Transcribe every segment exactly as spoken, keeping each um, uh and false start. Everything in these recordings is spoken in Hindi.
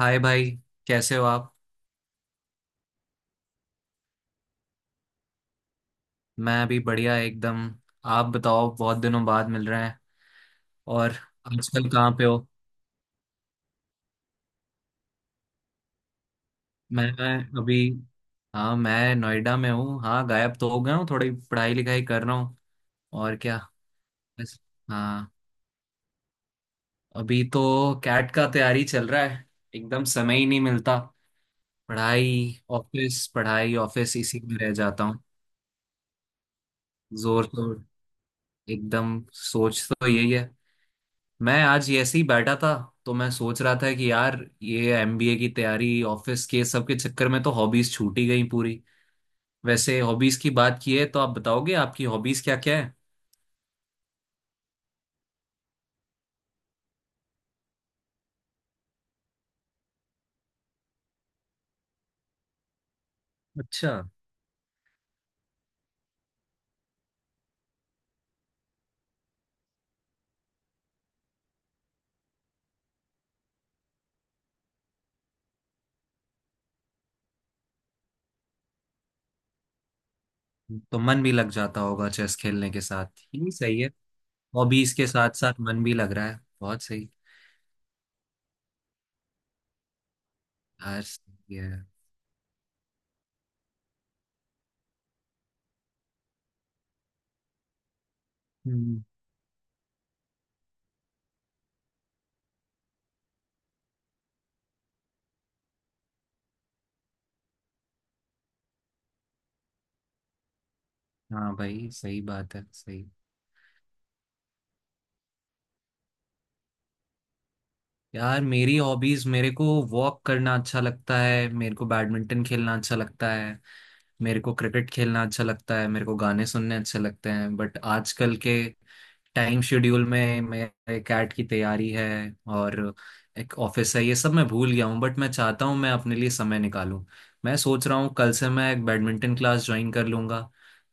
हाय भाई। कैसे हो आप? मैं अभी बढ़िया एकदम। आप बताओ, बहुत दिनों बाद मिल रहे हैं। और आजकल कहाँ पे हो? मैं अभी हाँ, मैं नोएडा में हूँ। हाँ, गायब तो हो गया हूँ, थोड़ी पढ़ाई लिखाई कर रहा हूँ। और क्या, बस। हाँ, अभी तो कैट का तैयारी चल रहा है। एकदम समय ही नहीं मिलता। पढ़ाई ऑफिस, पढ़ाई ऑफिस, इसी में रह जाता हूँ। जोर तो एकदम सोच तो यही है। मैं आज ये ऐसे ही बैठा था तो मैं सोच रहा था कि यार, ये एमबीए की तैयारी, ऑफिस के, सब के चक्कर में तो हॉबीज छूट ही गई पूरी। वैसे हॉबीज की बात की है तो आप बताओगे, आपकी हॉबीज क्या क्या है। अच्छा। तो मन भी लग जाता होगा चेस खेलने के साथ, ये सही है। हॉबीज के साथ साथ मन भी लग रहा है, बहुत सही। यार सही है। हम्म, हाँ भाई, सही बात है, सही। यार, मेरी हॉबीज, मेरे को वॉक करना अच्छा लगता है, मेरे को बैडमिंटन खेलना अच्छा लगता है, मेरे को क्रिकेट खेलना अच्छा लगता है, मेरे को गाने सुनने अच्छे लगते हैं। बट आजकल के टाइम शेड्यूल में मेरे कैट की तैयारी है और एक ऑफिस है, ये सब मैं भूल गया हूँ। बट मैं चाहता हूँ मैं अपने लिए समय निकालूं। मैं सोच रहा हूँ कल से मैं एक बैडमिंटन क्लास ज्वाइन कर लूंगा,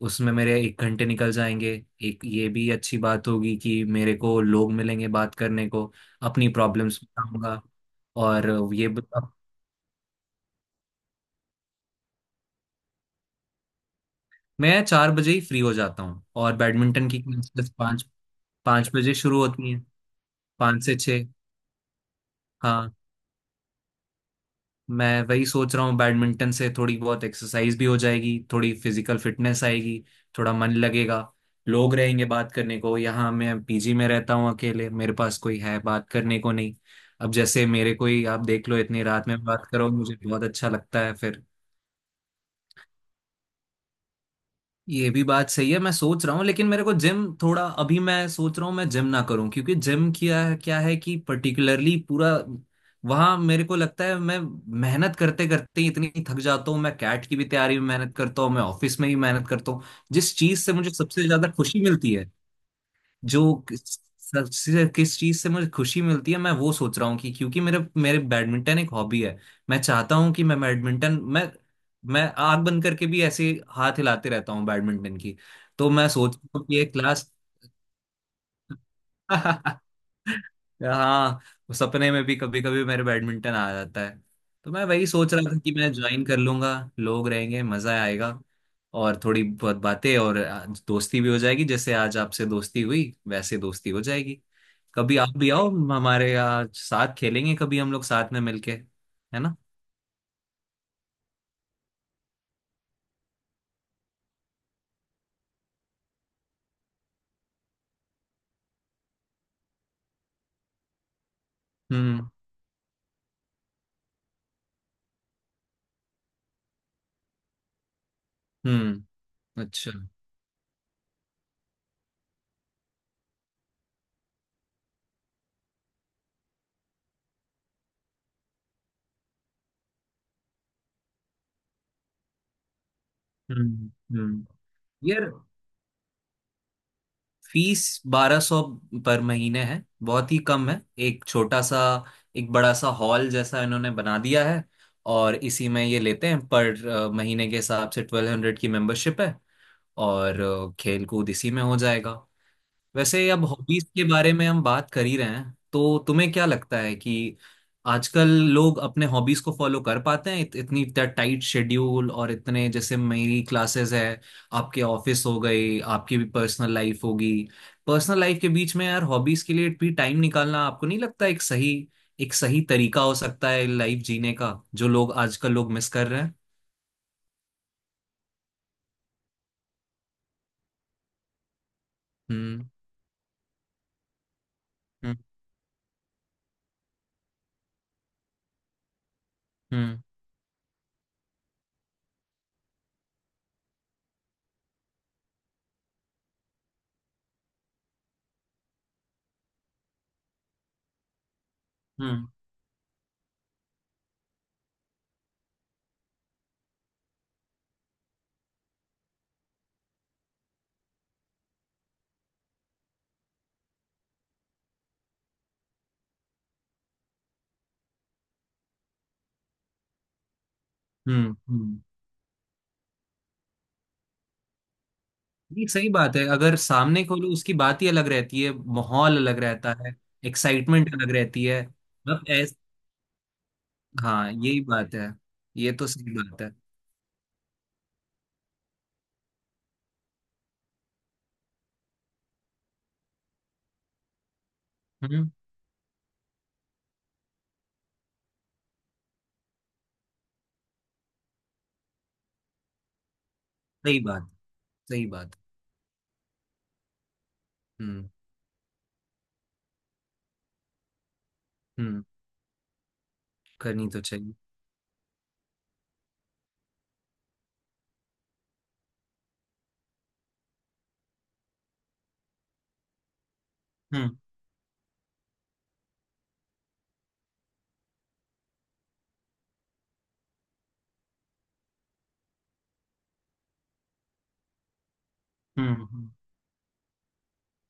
उसमें मेरे एक घंटे निकल जाएंगे। एक ये भी अच्छी बात होगी कि मेरे को लोग मिलेंगे बात करने को, अपनी प्रॉब्लम्स बताऊंगा। और ये ब- मैं चार बजे ही फ्री हो जाता हूँ, और बैडमिंटन की क्लासेस पाँच पाँच बजे शुरू होती हैं। पाँच से छः। हाँ, मैं वही सोच रहा हूँ, बैडमिंटन से थोड़ी बहुत एक्सरसाइज भी हो जाएगी, थोड़ी फिजिकल फिटनेस आएगी, थोड़ा मन लगेगा, लोग रहेंगे बात करने को। यहाँ मैं पीजी में रहता हूँ अकेले, मेरे पास कोई है बात करने को नहीं। अब जैसे मेरे, कोई आप देख लो, इतनी रात में बात करो मुझे बहुत अच्छा लगता है फिर। ये भी बात सही है, मैं सोच रहा हूँ। लेकिन मेरे को जिम थोड़ा, अभी मैं सोच रहा हूँ मैं जिम ना करूँ, क्योंकि जिम किया क्या है कि पर्टिकुलरली पूरा वहाँ मेरे को लगता है मैं मेहनत करते करते ही इतनी थक जाता हूँ। मैं कैट की भी तैयारी में मेहनत करता हूँ, मैं ऑफिस में भी मेहनत करता हूँ। जिस चीज से मुझे सबसे ज्यादा खुशी मिलती है, जो किस- सबसे किस चीज से मुझे खुशी मिलती है मैं वो सोच रहा हूँ। कि क्योंकि मेरे मेरे बैडमिंटन एक हॉबी है, मैं चाहता हूँ कि मैं बैडमिंटन मैं मैं आग बंद करके भी ऐसे हाथ हिलाते रहता हूँ बैडमिंटन की। तो मैं सोच रहा हूँ कि एक क्लास। हाँ, सपने में भी कभी कभी मेरे बैडमिंटन आ जाता है। तो मैं वही सोच रहा था कि मैं ज्वाइन कर लूंगा, लोग रहेंगे, मजा आएगा। और थोड़ी बहुत बातें और आज दोस्ती भी हो जाएगी, जैसे आज आपसे दोस्ती हुई वैसे दोस्ती हो जाएगी। कभी आप भी आओ, हमारे यहाँ साथ खेलेंगे, कभी हम लोग साथ में मिलके, है ना। हम्म, हम्म। अच्छा। हम्म, हम्म। यार, फीस बारह सौ पर महीने है, बहुत ही कम है। एक छोटा सा, एक बड़ा सा हॉल जैसा इन्होंने बना दिया है और इसी में ये लेते हैं। पर अ, महीने के हिसाब से ट्वेल्व हंड्रेड की मेंबरशिप है। और अ, खेल कूद इसी में हो जाएगा। वैसे अब हॉबीज के बारे में हम बात कर ही रहे हैं तो तुम्हें क्या लगता है कि आजकल लोग अपने हॉबीज को फॉलो कर पाते हैं? इत, इतनी टाइट शेड्यूल और इतने, जैसे मेरी क्लासेस है, आपके ऑफिस हो गई, आपकी भी पर्सनल लाइफ होगी, पर्सनल लाइफ के बीच में यार हॉबीज के लिए भी टाइम निकालना, आपको नहीं लगता एक सही, एक सही तरीका हो सकता है लाइफ जीने का, जो लोग आजकल लोग मिस कर रहे हैं? हम्म, हम्म। हम्म, हम्म। हम्म, हम्म। नहीं, सही बात है। अगर सामने खोलो, उसकी बात ही अलग रहती है, माहौल अलग रहता है, एक्साइटमेंट अलग रहती है। अब ऐस हाँ, यही बात है। ये तो सही बात है। हम्म। सही बात, सही बात। हम्म, हम्म। करनी तो चाहिए। हम्म, हम्म। हम्म।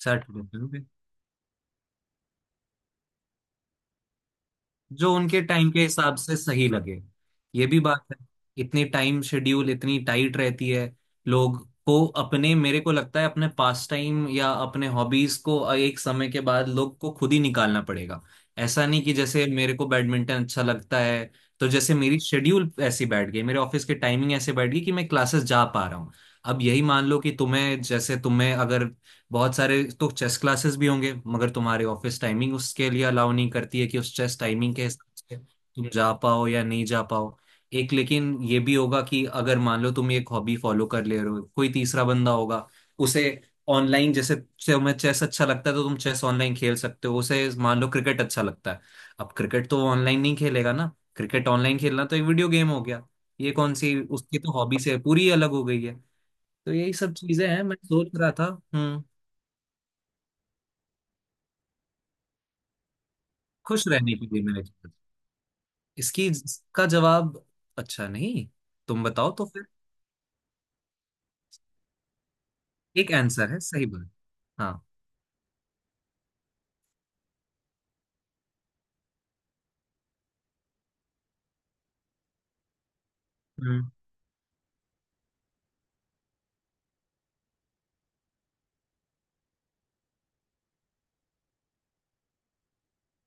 साठ। जो उनके टाइम के हिसाब से सही लगे। ये भी बात है। इतनी टाइम शेड्यूल इतनी टाइट रहती है, लोग को अपने, मेरे को लगता है अपने पास टाइम या अपने हॉबीज को एक समय के बाद लोग को खुद ही निकालना पड़ेगा। ऐसा नहीं कि जैसे मेरे को बैडमिंटन अच्छा लगता है तो जैसे मेरी शेड्यूल ऐसी बैठ गई, मेरे ऑफिस की टाइमिंग ऐसे बैठ गई कि मैं क्लासेस जा पा रहा हूँ। अब यही मान लो कि तुम्हें, जैसे तुम्हें अगर बहुत सारे तो चेस क्लासेस भी होंगे, मगर तुम्हारे ऑफिस टाइमिंग उसके लिए अलाउ नहीं करती है कि उस चेस टाइमिंग के हिसाब से तुम जा पाओ या नहीं जा पाओ। एक लेकिन ये भी होगा कि अगर मान लो तुम एक हॉबी फॉलो कर ले रहे हो, कोई तीसरा बंदा होगा उसे, ऑनलाइन, जैसे तुम्हें चेस अच्छा लगता है तो तुम चेस ऑनलाइन खेल सकते हो, उसे मान लो क्रिकेट अच्छा लगता है, अब क्रिकेट तो ऑनलाइन नहीं खेलेगा ना। क्रिकेट ऑनलाइन खेलना तो एक वीडियो गेम हो गया। ये कौन सी, उसकी तो हॉबी से पूरी अलग हो गई है। तो यही सब चीजें हैं मैं सोच रहा था। हम्म। खुश रहने के लिए मैंने किया। इसकी इसका जवाब। अच्छा, नहीं, तुम बताओ तो फिर। एक आंसर है, सही बात। हाँ। हम्म।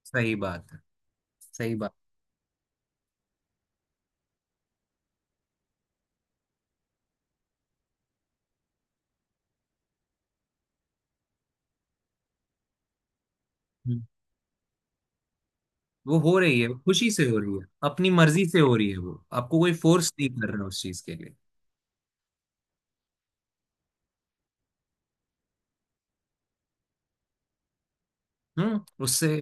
सही बात है, सही बात। हम्म। वो हो रही है, खुशी से हो रही है, अपनी मर्जी से हो रही है, वो आपको कोई फोर्स नहीं कर रहा उस चीज के लिए। हम्म। उससे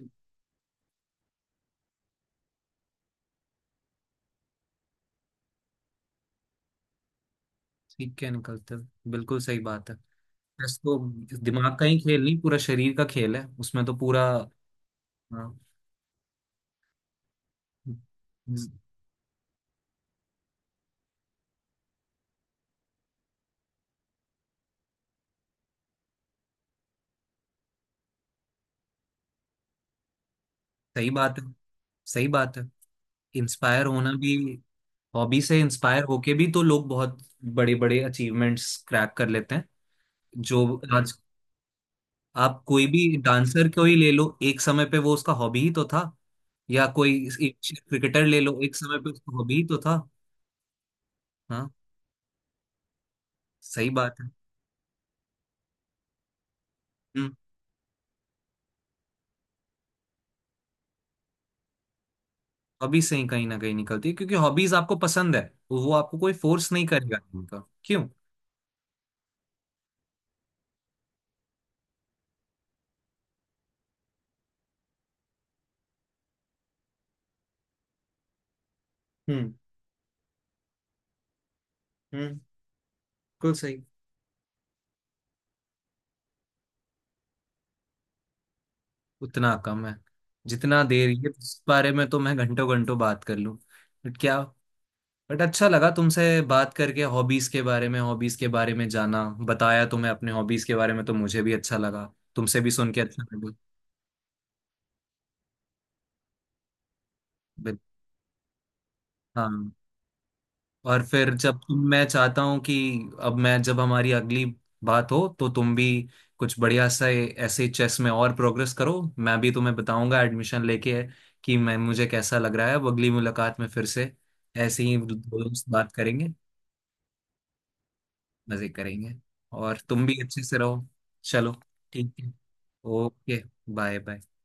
सीख के निकलते हो, बिल्कुल सही बात है। चेस तो दिमाग का ही खेल नहीं, पूरा शरीर का खेल है, उसमें तो पूरा। हाँ। हम्म, सही बात है, सही बात है। इंस्पायर होना भी, हॉबी से इंस्पायर होके भी तो लोग बहुत बड़े बड़े अचीवमेंट्स क्रैक कर लेते हैं, जो आज। हम्म। आप कोई भी डांसर को ही ले लो, एक समय पे वो उसका हॉबी ही तो था। या कोई क्रिकेटर ले लो, एक समय पे उसका हॉबी ही तो था। हाँ, सही बात है। हम्म। हॉबी से ही कहीं ना कहीं निकलती है, क्योंकि हॉबीज आपको पसंद है, वो आपको कोई फोर्स नहीं करेगा उनका, क्यों। हम्म, हम्म। बिल्कुल सही। उतना कम है। जितना देर, ये इस बारे में तो मैं घंटों घंटों बात कर लूं। बट क्या बट अच्छा लगा तुमसे बात करके, हॉबीज के बारे में, हॉबीज के बारे में जाना, बताया तुम्हें अपने हॉबीज के बारे में तो मुझे भी अच्छा लगा, तुमसे भी सुन के अच्छा लगा। बिल- हाँ। और फिर जब तुम, मैं चाहता हूँ कि अब मैं, जब हमारी अगली बात हो तो तुम भी कुछ बढ़िया सा ऐसे चेस में और प्रोग्रेस करो, मैं भी तुम्हें बताऊंगा एडमिशन लेके कि मैं, मुझे कैसा लग रहा है। अब अगली मुलाकात में फिर से ऐसे ही दोस्त बात करेंगे, मजे करेंगे। और तुम भी अच्छे से रहो। चलो, ठीक है। Okay, bye bye.